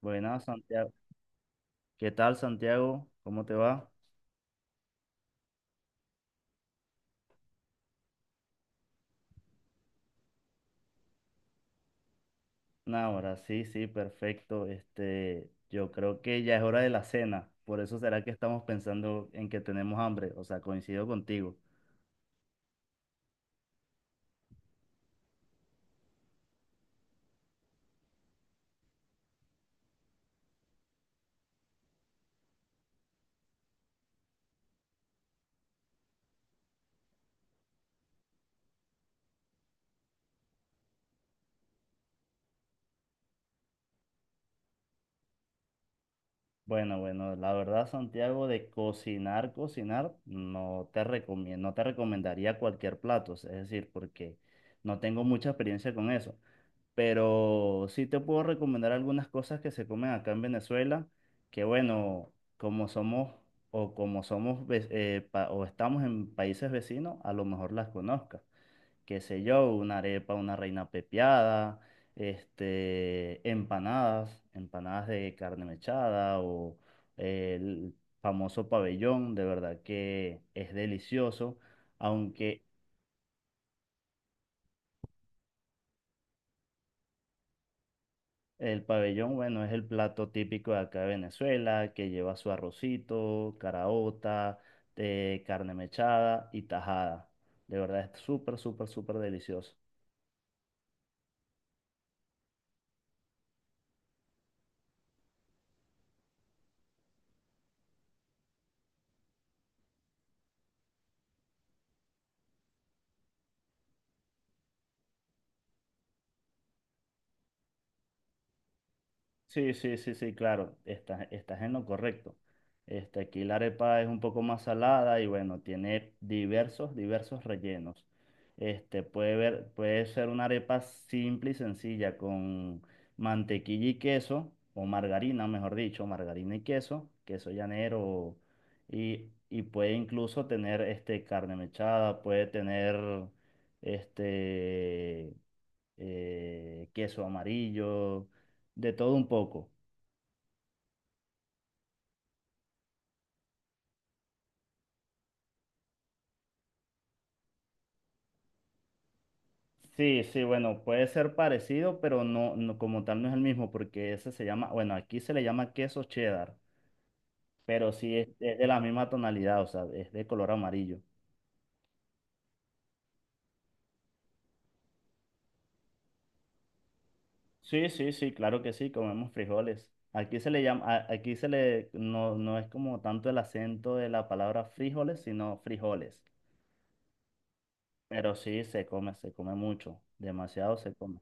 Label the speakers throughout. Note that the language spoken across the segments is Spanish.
Speaker 1: Buenas, Santiago. ¿Qué tal, Santiago? ¿Cómo te va? Nah, ahora sí, sí, perfecto. Yo creo que ya es hora de la cena. Por eso será que estamos pensando en que tenemos hambre. O sea, coincido contigo. Bueno, bueno, la verdad, Santiago, de cocinar, cocinar, no te recomiendo, no te recomendaría cualquier plato. Es decir, porque no tengo mucha experiencia con eso, pero sí te puedo recomendar algunas cosas que se comen acá en Venezuela, que bueno, como somos o como somos ve- pa- o estamos en países vecinos, a lo mejor las conozcas. Qué sé yo, una arepa, una reina pepiada, empanadas, empanadas de carne mechada o el famoso pabellón, de verdad que es delicioso, aunque. El pabellón, bueno, es el plato típico de acá de Venezuela, que lleva su arrocito, caraota, carne mechada y tajada. De verdad es súper, súper, súper delicioso. Sí, sí, sí, sí, claro, estás, estás en lo correcto. Aquí la arepa es un poco más salada y bueno, tiene diversos, diversos rellenos. Puede ver, puede ser una arepa simple y sencilla con mantequilla y queso, o margarina, mejor dicho, margarina y queso, queso llanero, y puede incluso tener carne mechada, puede tener este, queso amarillo de todo un poco. Sí, sí, bueno, puede ser parecido, pero no, no como tal no es el mismo, porque ese se llama, bueno, aquí se le llama queso cheddar, pero sí es de la misma tonalidad, o sea, es de color amarillo. Sí, sí, sí, claro que sí, comemos frijoles. Aquí se le llama, aquí se le, no, no es como tanto el acento de la palabra frijoles, sino frijoles. Pero sí, se come mucho, demasiado se come.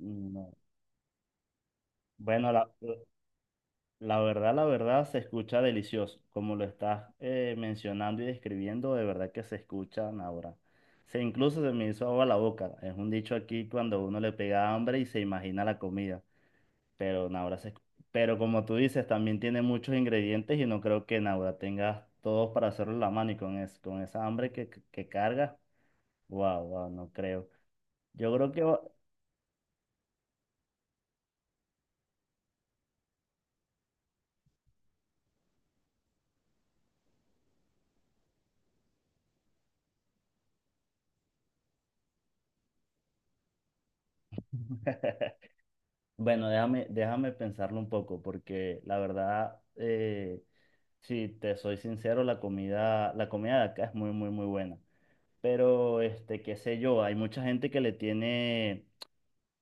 Speaker 1: Mm, no. Bueno, la verdad, la verdad, se escucha delicioso. Como lo estás mencionando y describiendo, de verdad que se escuchan ahora. Se incluso se me hizo agua la boca. Es un dicho aquí cuando uno le pega hambre y se imagina la comida. Pero Naura se... escu- Pero como tú dices, también tiene muchos ingredientes y no creo que Naura tengas todos para hacerlo en la mano y con esa hambre que carga. Wow, wow, no creo. Yo creo que... va- Bueno, déjame pensarlo un poco porque la verdad... si te soy sincero, la comida de acá es muy, muy, muy buena. Pero, qué sé yo, hay mucha gente que le tiene,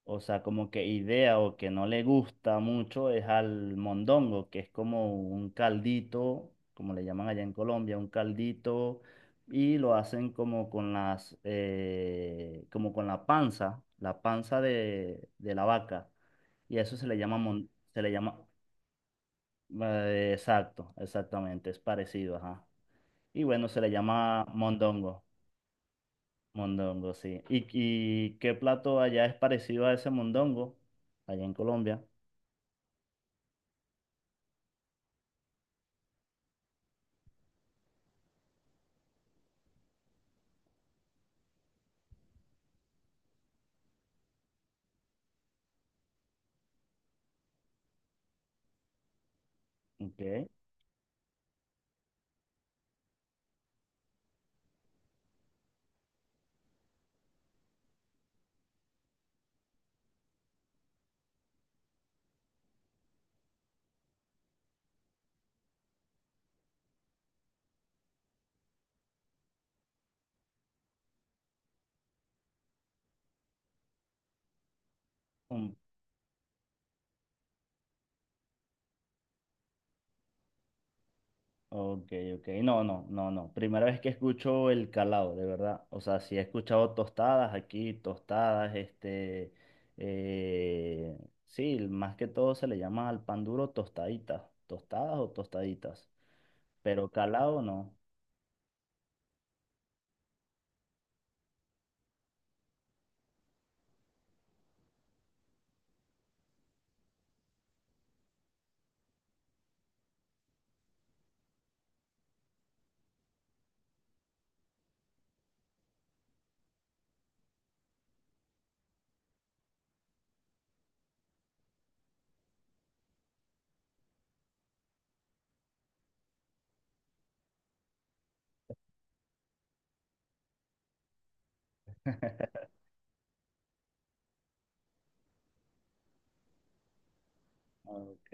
Speaker 1: o sea, como que idea o que no le gusta mucho es al mondongo, que es como un caldito, como le llaman allá en Colombia, un caldito, y lo hacen como con las, como con la panza de la vaca. Y a eso se le llama, se le llama, exacto, exactamente, es parecido, ajá. Y bueno, se le llama mondongo. Mondongo, sí. Y qué plato allá es parecido a ese mondongo? Allá en Colombia. Ok. un- ok, ok. No, no, no, no. Primera vez que escucho el calado, de verdad. O sea, sí he escuchado tostadas aquí, tostadas, eh, sí, más que todo se le llama al pan duro tostaditas. Tostadas o tostaditas. Pero calado no. Ok.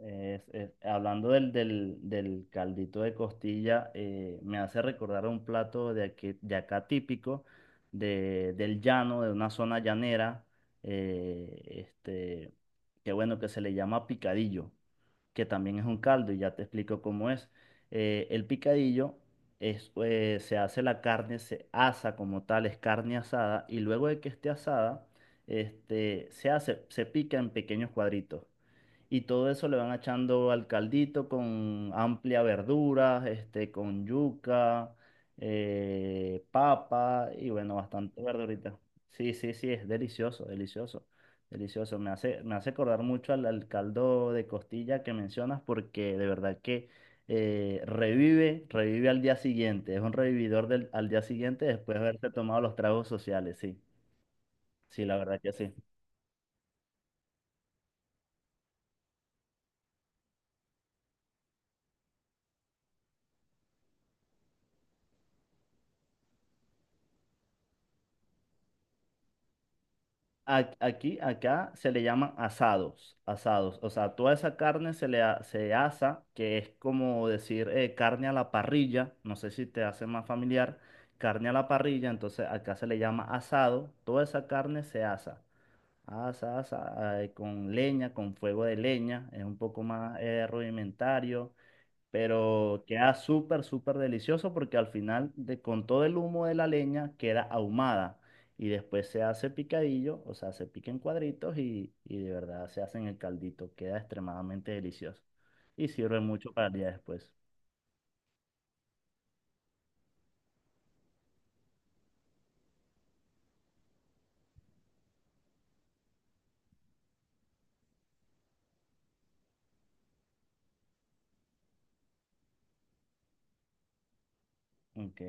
Speaker 1: Hablando del, del, del caldito de costilla, me hace recordar un plato de, de acá típico, de, del llano, de una zona llanera, eh, este, que bueno, que se le llama picadillo, que también es un caldo, y ya te explico cómo es. El picadillo es, se hace la carne, se asa como tal, es carne asada, y luego de que esté asada, se hace, se pica en pequeños cuadritos. Y todo eso le van echando al caldito con amplia verdura, con yuca, papa y bueno, bastante verdurita. Sí, sí, sí, es delicioso, delicioso, delicioso. Me hace acordar mucho al, al caldo de costilla que mencionas porque de verdad que revive, revive al día siguiente. Es un revividor del, al día siguiente después de haberse tomado los tragos sociales, sí. Sí, la verdad que sí. Aquí, acá se le llaman asados, asados. O sea, toda esa carne se le se asa, que es como decir carne a la parrilla. No sé si te hace más familiar. Carne a la parrilla, entonces acá se le llama asado. Toda esa carne se asa. Asa, asa, con leña, con fuego de leña. Es un poco más rudimentario, pero queda súper, súper delicioso porque al final, con todo el humo de la leña, queda ahumada y después se hace picadillo, o sea, se pica en cuadritos y de verdad se hace en el caldito, queda extremadamente delicioso y sirve mucho para el día después. Ok.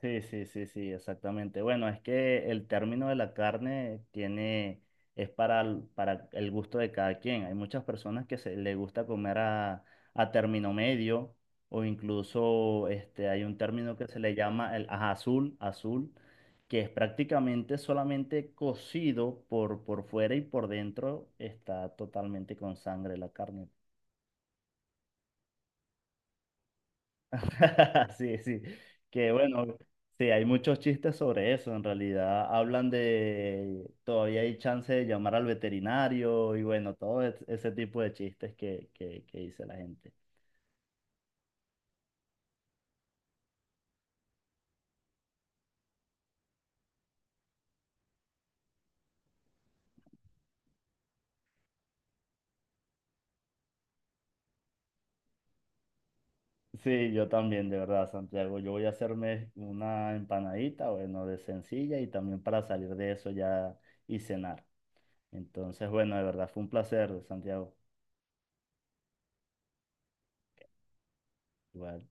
Speaker 1: Sí, sí, sí, sí, exactamente. Bueno, es que el término de la carne tiene, es para, para el gusto de cada quien. Hay muchas personas que se le gusta comer a término medio, o incluso hay un término que se le llama el ajá, azul, azul, que es prácticamente solamente cocido por fuera y por dentro está totalmente con sangre la carne. Sí, sí, que bueno, sí, hay muchos chistes sobre eso, en realidad hablan de, todavía hay chance de llamar al veterinario y bueno, ese tipo de chistes que dice la gente. Sí, yo también, de verdad, Santiago, yo voy a hacerme una empanadita, bueno, de sencilla y también para salir de eso ya y cenar. Entonces, bueno, de verdad fue un placer, Santiago. Igual.